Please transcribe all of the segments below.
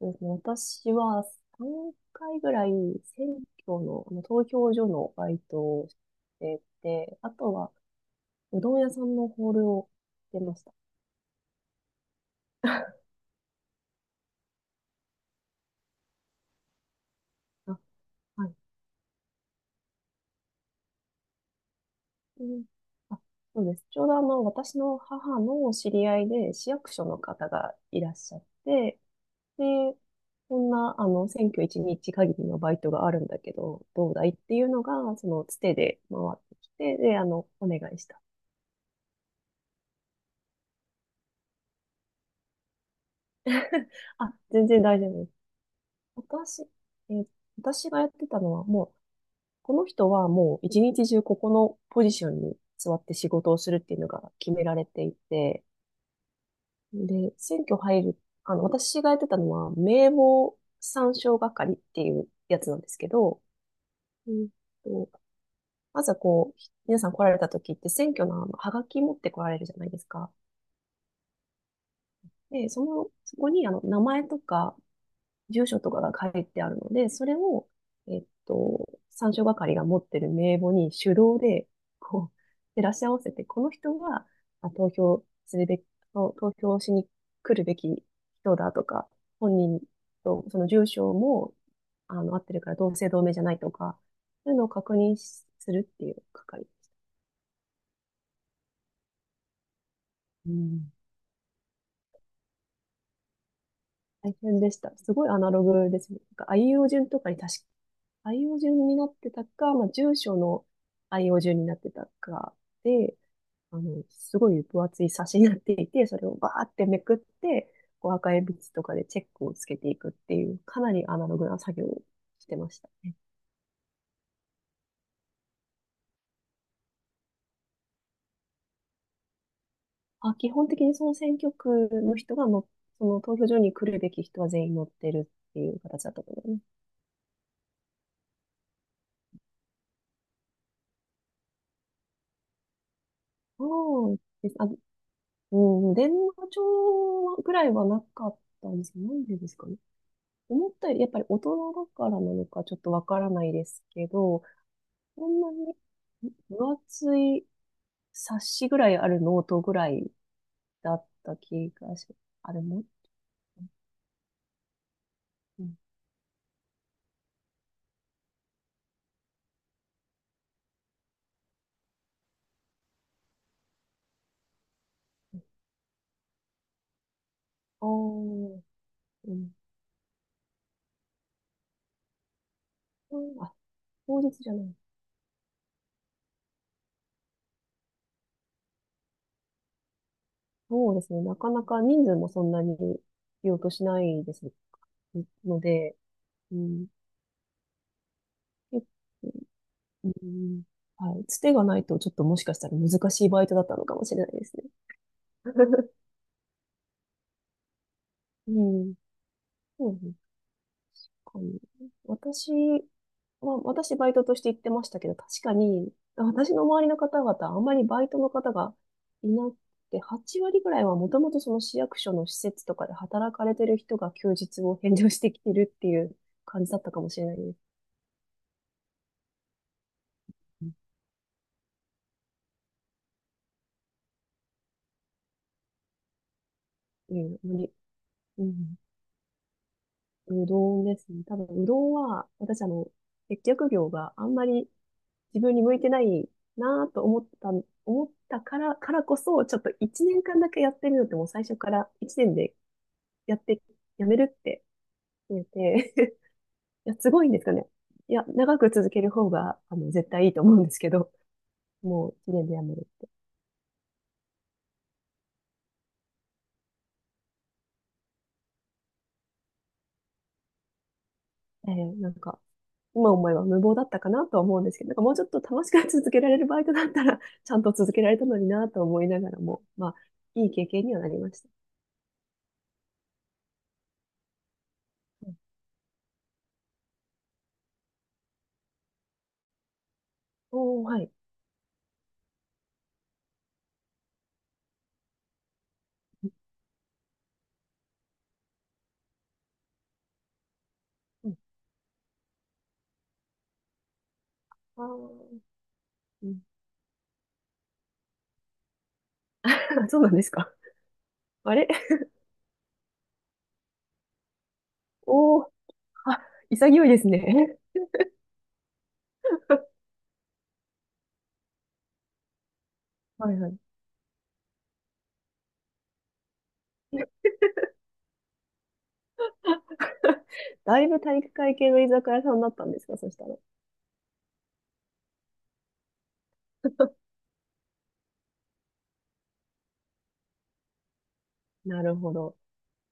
そうですね。私は3回ぐらい選挙の、投票所のバイトをしてて、あとはうどん屋さんのホールをしてました。あ、はい。うん、あ、そうです。ちょうど私の母の知り合いで市役所の方がいらっしゃって、で、こんな、選挙1日限りのバイトがあるんだけど、どうだいっていうのが、つてで回ってきて、で、お願いした。あ、全然大丈夫です。私、えー私がやってたのはもう、この人はもう一日中ここのポジションに座って仕事をするっていうのが決められていて、で、選挙入る、あの、私がやってたのは名簿参照係っていうやつなんですけど、うんと、まずはこう、皆さん来られた時って選挙のはがき持って来られるじゃないですか。で、そこに名前とか、住所とかが書いてあるので、それを、参照係が持ってる名簿に手動で、こう、照らし合わせて、この人は、あ、投票するべき、投票しに来るべき人だとか、本人とその住所も、合ってるから同姓同名じゃないとか、そういうのを確認するっていう係。うん、大変でした。すごいアナログですね。なんか、あいうえお順とかに確か、あいうえお順になってたか、まあ、住所のあいうえお順になってたかで、すごい分厚い冊子になっていて、それをバーってめくって、こう赤鉛筆とかでチェックをつけていくっていう、かなりアナログな作業をしてましたね。あ、基本的にその選挙区の人がの、その投票所に来るべき人は全員乗ってるっていう形だったと思います。そうです。あ、うん、電話帳ぐらいはなかったんですけど、なんでですかね。思ったより、やっぱり大人だからなのかちょっとわからないですけど、こんなに分厚い冊子ぐらいあるノートぐらいだった気がし、あれも、うん、あー、うん、うん、あ、当日じゃない。そうですね。なかなか人数もそんなに必要としないですので、うん、うん。はい。つてがないと、ちょっともしかしたら難しいバイトだったのかもしれないですね。うん。そうですね。私私バイトとして行ってましたけど、確かに、私の周りの方々、あんまりバイトの方がいなくて、8割ぐらいはもともとその市役所の施設とかで働かれてる人が休日を返上してきてるっていう感じだったかもしれないです。うん、無理。うん。うどんですね。多分、うどんは、私あの、接客業があんまり自分に向いてないなぁと思ったからこそ、ちょっと1年間だけやってみようって、もう最初から1年でやって、やめるって決めて、いや、すごいんですかね。いや、長く続ける方が、絶対いいと思うんですけど、もう1年でやめるって。なんか、今思えば無謀だったかなとは思うんですけど、なんかもうちょっと楽しく続けられるバイトだったら、ちゃんと続けられたのになぁと思いながらも、まあ、いい経験にはなりました。うん、おー、はい。うん、あー、うん、 そうなんですか。あれ。 おー、あ、潔いですね。はいはい。だいぶ体育会系の居酒屋さんだったんですか、そしたら。なるほど。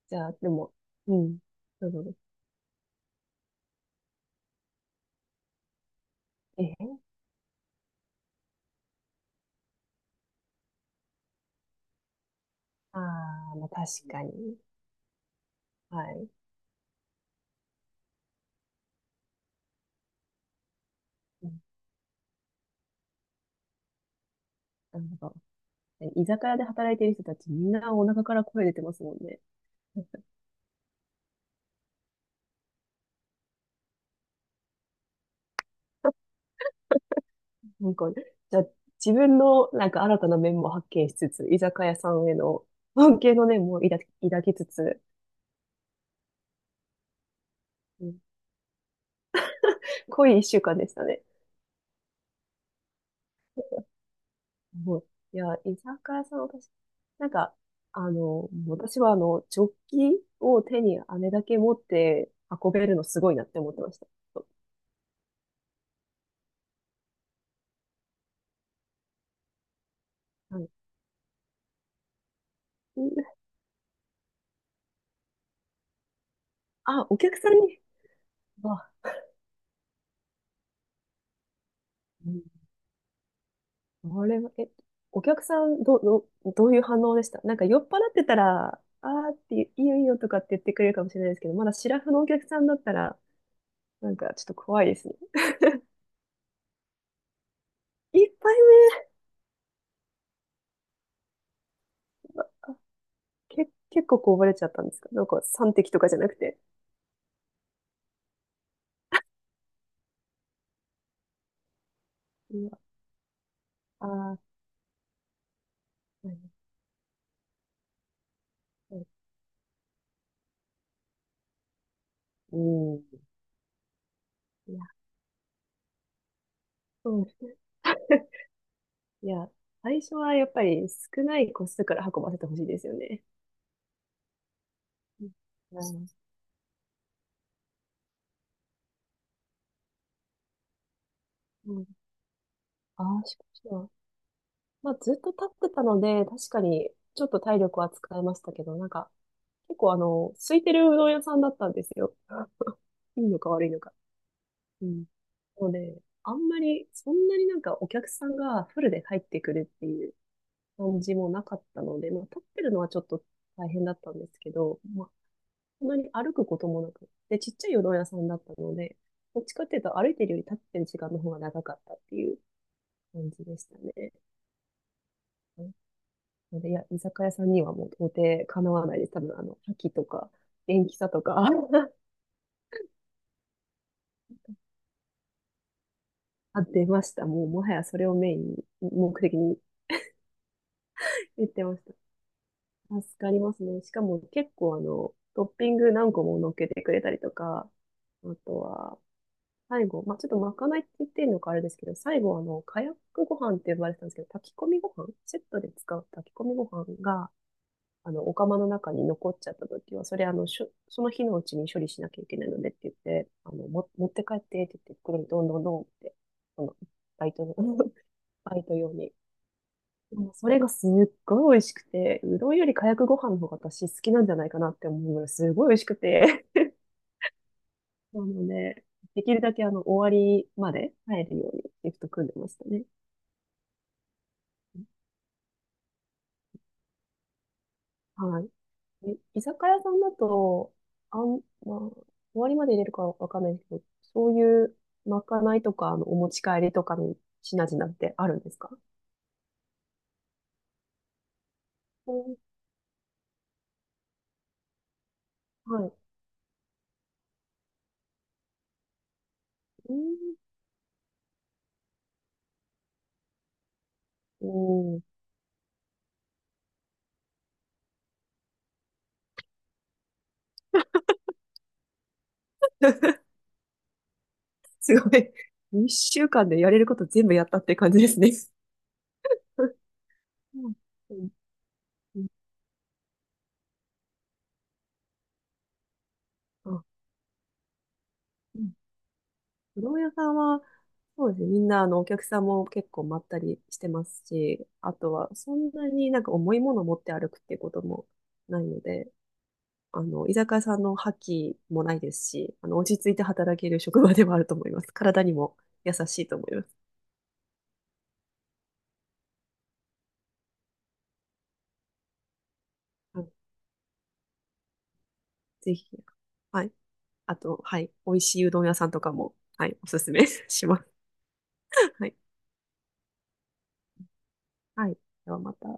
じゃあ、でも、うん。そうそうそう。ええ、ああ、まあ確かに。はい。うん、なるほど。居酒屋で働いてる人たち、みんなお腹から声出てますもんね。なんか、じゃあ、自分のなんか新たな面も発見しつつ、居酒屋さんへの関係の念も抱きつつ、うん、濃い一週間でしたね。もう、いや、居酒屋さん、なんか、私は、ジョッキを手にあれだけ持って運べるのすごいなって思ってました。はい、あ、お客さんに、わ、うん、これは、お客さん、どういう反応でした？なんか酔っ払ってたら、あーって、いいよいいよとかって言ってくれるかもしれないですけど、まだシラフのお客さんだったら、なんかちょっと怖いですね。一杯目、結構こぼれちゃったんですか？なんか3滴とかじゃなくて。うわ、あー。はい、うん。いや、そう。いや、最初はやっぱり少ない個数から運ばせてほしいですよね。うん。うん。ああ、しかしは、まあ、ずっと立ってたので、確かにちょっと体力は使いましたけど、なんか、結構空いてるうどん屋さんだったんですよ。いいのか悪いのか。うん。なので、あんまり、そんなになんかお客さんがフルで入ってくるっていう感じもなかったので、まあ、立ってるのはちょっと大変だったんですけど、まあ、本当に歩くこともなく。で、ちっちゃい夜ど屋さんだったので、どっちかっていうと歩いてるより立ってる時間の方が長かったっていう感じでしたね。うん、で、いや、居酒屋さんにはもう到底かなわないです。多分、覇気とか、元気さとか あ、出ました。もう、もはやそれをメインに、目的に言ってました。助かりますね。しかも結構、トッピング何個も乗っけてくれたりとか、あとは、最後、まあ、ちょっとまかないって言ってるのかあれですけど、最後、カヤックご飯って呼ばれてたんですけど、炊き込みご飯、セットで使う炊き込みご飯が、お釜の中に残っちゃった時は、それ、その日のうちに処理しなきゃいけないのでって言って、持って帰ってって言って、袋にどんどんどんって、その、バイトの、バイト用に。もうそれがすっごい美味しくて、うどんよりかやくご飯の方が私好きなんじゃないかなって思うぐらい、すごい美味しくて。なので、できるだけ終わりまで入るようにシフト組んでましたね。はい。居酒屋さんだと、あん、まあ、終わりまで入れるかわかんないですけど、そういうまかないとか、お持ち帰りとかの品々ってあるんですか？うん、はい。うん、うん すごい。一週間でやれること全部やったって感じですね。うん、うん、うん、あ、うどん屋さんは、そうですね。みんな、お客さんも結構まったりしてますし、あとは、そんなになんか重いもの持って歩くっていうこともないので、居酒屋さんの覇気もないですし、落ち着いて働ける職場ではあると思います。体にも優しいと思います。うん、ぜひ。はい。あと、はい。美味しいうどん屋さんとかも、はい。おすすめ します。はい。はい。ではまた。